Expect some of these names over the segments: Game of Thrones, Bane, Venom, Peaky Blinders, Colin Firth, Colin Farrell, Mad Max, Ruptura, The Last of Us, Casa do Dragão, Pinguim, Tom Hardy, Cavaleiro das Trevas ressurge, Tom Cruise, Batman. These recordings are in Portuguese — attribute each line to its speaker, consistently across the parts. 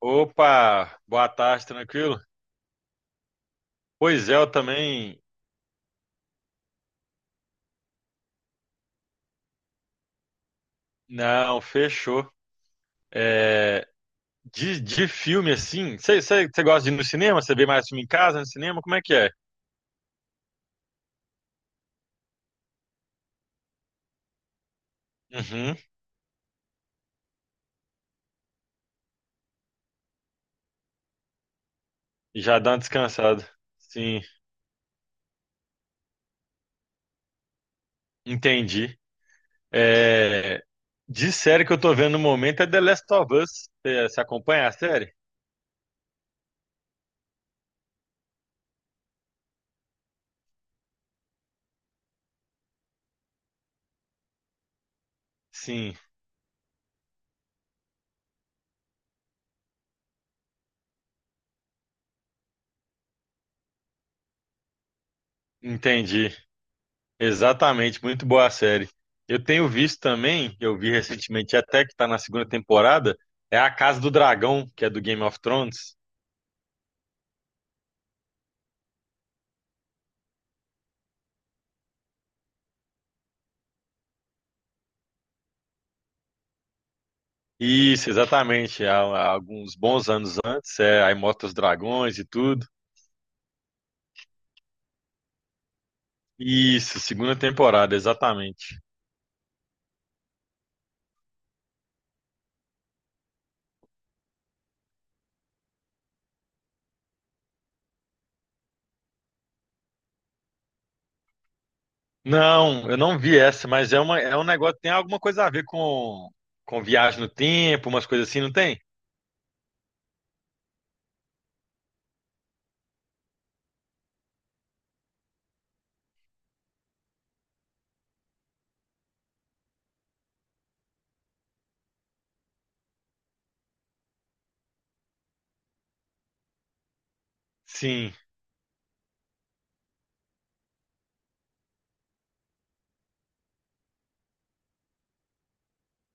Speaker 1: Opa, boa tarde, tranquilo? Pois é, eu também. Não, fechou. É, de filme assim, você gosta de ir no cinema? Você vê mais filme em casa, no cinema? Como é que é? Uhum, já dá uma descansada. Sim, entendi. É, de série que eu tô vendo no momento é The Last of Us. Você acompanha a série? Sim, entendi. Exatamente, muito boa a série. Eu tenho visto também, eu vi recentemente até que está na segunda temporada, é a Casa do Dragão, que é do Game of Thrones. Isso, exatamente. Há alguns bons anos antes, aí mostra os dragões e tudo. Isso, segunda temporada, exatamente. Não, eu não vi essa, mas é um negócio, tem alguma coisa a ver com viagem no tempo, umas coisas assim, não tem? Sim,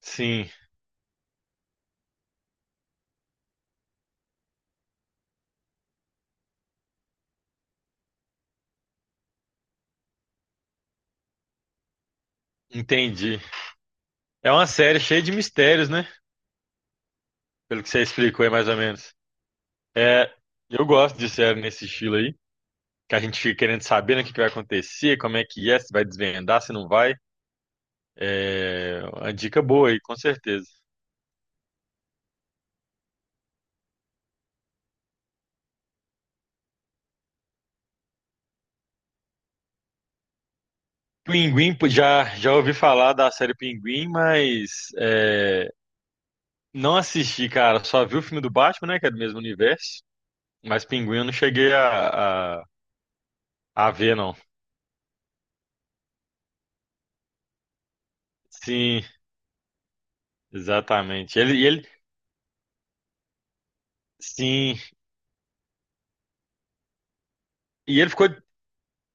Speaker 1: sim, entendi. É uma série cheia de mistérios, né? Pelo que você explicou aí, mais ou menos. É, eu gosto de série nesse estilo aí, que a gente fica querendo saber, né, o que que vai acontecer, como é que é, se vai desvendar, se não vai. É uma dica boa aí, com certeza. Pinguim, pô, já ouvi falar da série Pinguim, mas é, não assisti, cara. Só vi o filme do Batman, né, que é do mesmo universo, mas Pinguim eu não cheguei a ver, não. Sim, exatamente. Ele, e ele, sim, e ele ficou,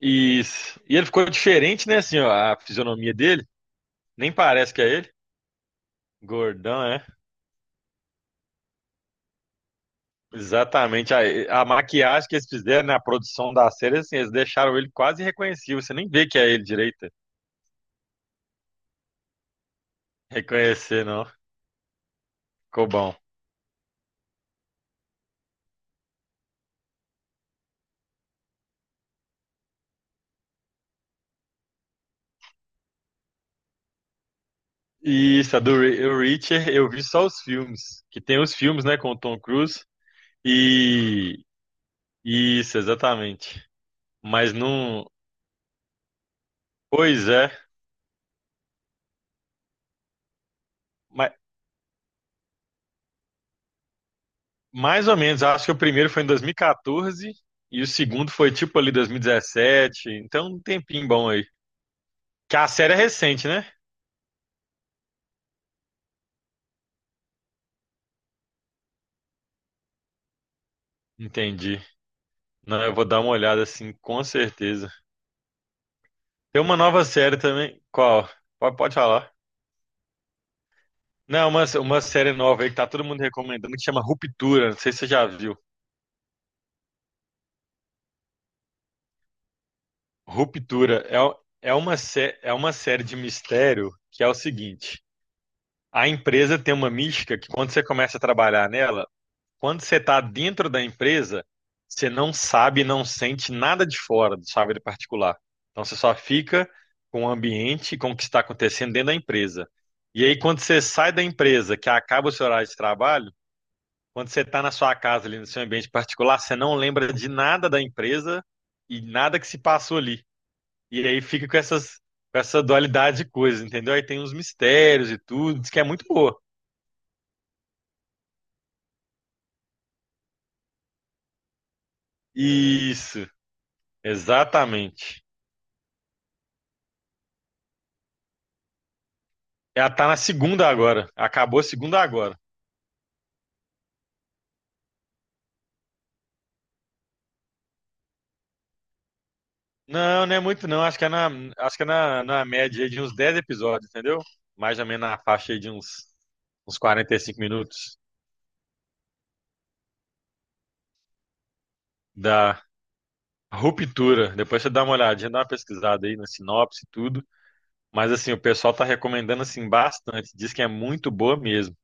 Speaker 1: isso. E ele ficou diferente, né, assim, ó, a fisionomia dele, nem parece que é ele. Gordão, é? Exatamente. A maquiagem que eles fizeram na produção da série, assim, eles deixaram ele quase irreconhecível. Você nem vê que é ele direito. Reconhecer, não. Ficou bom. E isso, a do o Richard, eu vi só os filmes. Que tem os filmes, né, com o Tom Cruise. E. Isso, exatamente. Mas não. Pois é. Ma- Mais ou menos. Acho que o primeiro foi em 2014. E quatorze. E o segundo foi tipo ali 2017. Então, um tempinho bom aí. Que a série é recente, né? Entendi. Não, eu vou dar uma olhada assim, com certeza. Tem uma nova série também. Qual? Pode, pode falar. Não, uma série nova aí que tá todo mundo recomendando que chama Ruptura. Não sei se você já viu. Ruptura é uma série de mistério que é o seguinte: a empresa tem uma mística que quando você começa a trabalhar nela. Quando você está dentro da empresa, você não sabe, não sente nada de fora do sua vida particular. Então você só fica com o ambiente, e com o que está acontecendo dentro da empresa. E aí, quando você sai da empresa, que acaba o seu horário de trabalho, quando você está na sua casa, ali no seu ambiente particular, você não lembra de nada da empresa e nada que se passou ali. E aí fica com essas, com essa dualidade de coisas, entendeu? Aí tem uns mistérios e tudo, diz que é muito boa. Isso, exatamente. Ela tá na segunda agora. Acabou a segunda agora. Não, não é muito não. Acho que é na, na média aí de uns 10 episódios, entendeu? Mais ou menos na faixa aí de uns, uns 45 minutos da ruptura. Depois você dá uma olhadinha, dá uma pesquisada aí na sinopse e tudo. Mas assim, o pessoal tá recomendando assim bastante. Diz que é muito boa mesmo.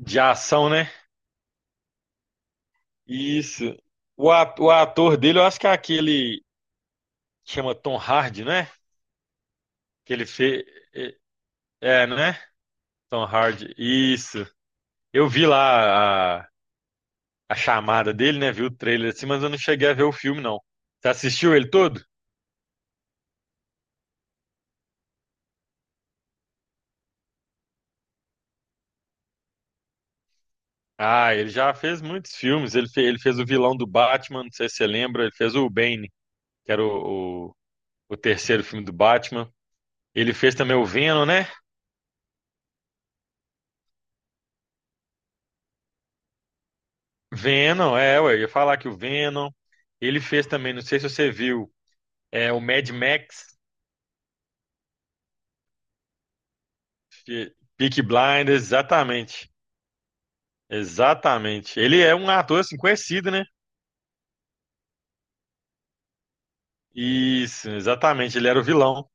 Speaker 1: De ação, né? Isso. O ator dele, eu acho que é aquele que chama Tom Hardy, né? Que ele fez. É, né? Tom Hardy. Isso. Eu vi lá a chamada dele, né? Vi o trailer assim, mas eu não cheguei a ver o filme, não. Você assistiu ele todo? Ah, ele já fez muitos filmes. Ele fez o vilão do Batman, não sei se você lembra. Ele fez o Bane, que era o terceiro filme do Batman. Ele fez também o Venom, né? Venom, é, ué, eu ia falar que o Venom. Ele fez também, não sei se você viu, é o Mad Max, Peaky Blinders, exatamente. Exatamente. Ele é um ator assim conhecido, né? Isso, exatamente. Ele era o vilão.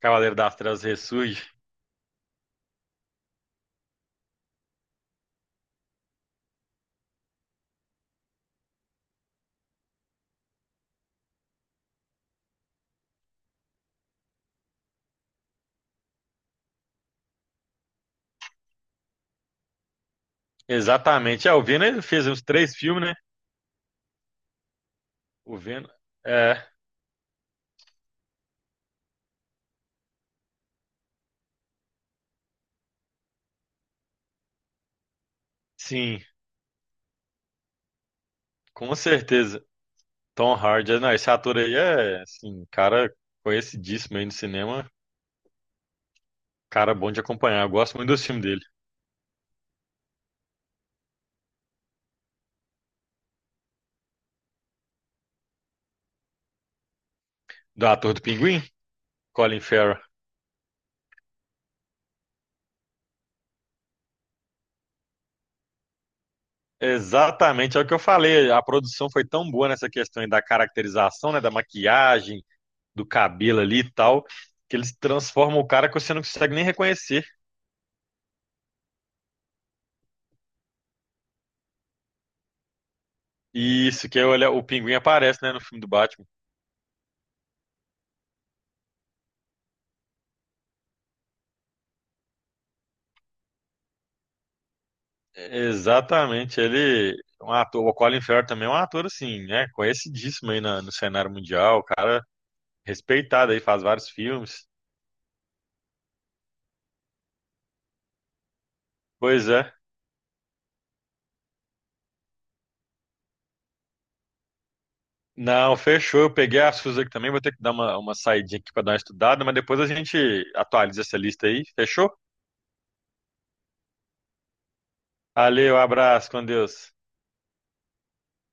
Speaker 1: Cavaleiro das Trevas ressurge. Exatamente. É, o Venom ele fez uns três filmes, né? O Venom. É, sim, com certeza. Tom Hardy, é, não, esse ator aí é, assim, um cara conhecidíssimo aí no cinema, cara bom de acompanhar. Eu gosto muito do filme dele. Do ator do Pinguim, Colin Farrell. Exatamente, é o que eu falei. A produção foi tão boa nessa questão aí da caracterização, né, da maquiagem, do cabelo ali e tal, que eles transformam o cara que você não consegue nem reconhecer. E isso que é, olha, o Pinguim aparece, né, no filme do Batman. Exatamente, ele é um ator, o Colin Firth também é um ator assim, né, conhecidíssimo aí no cenário mundial, o cara respeitado aí, faz vários filmes. Pois é. Não, fechou. Eu peguei as suas aqui também, vou ter que dar uma saidinha aqui para dar uma estudada, mas depois a gente atualiza essa lista aí, fechou? Valeu, abraço, com Deus.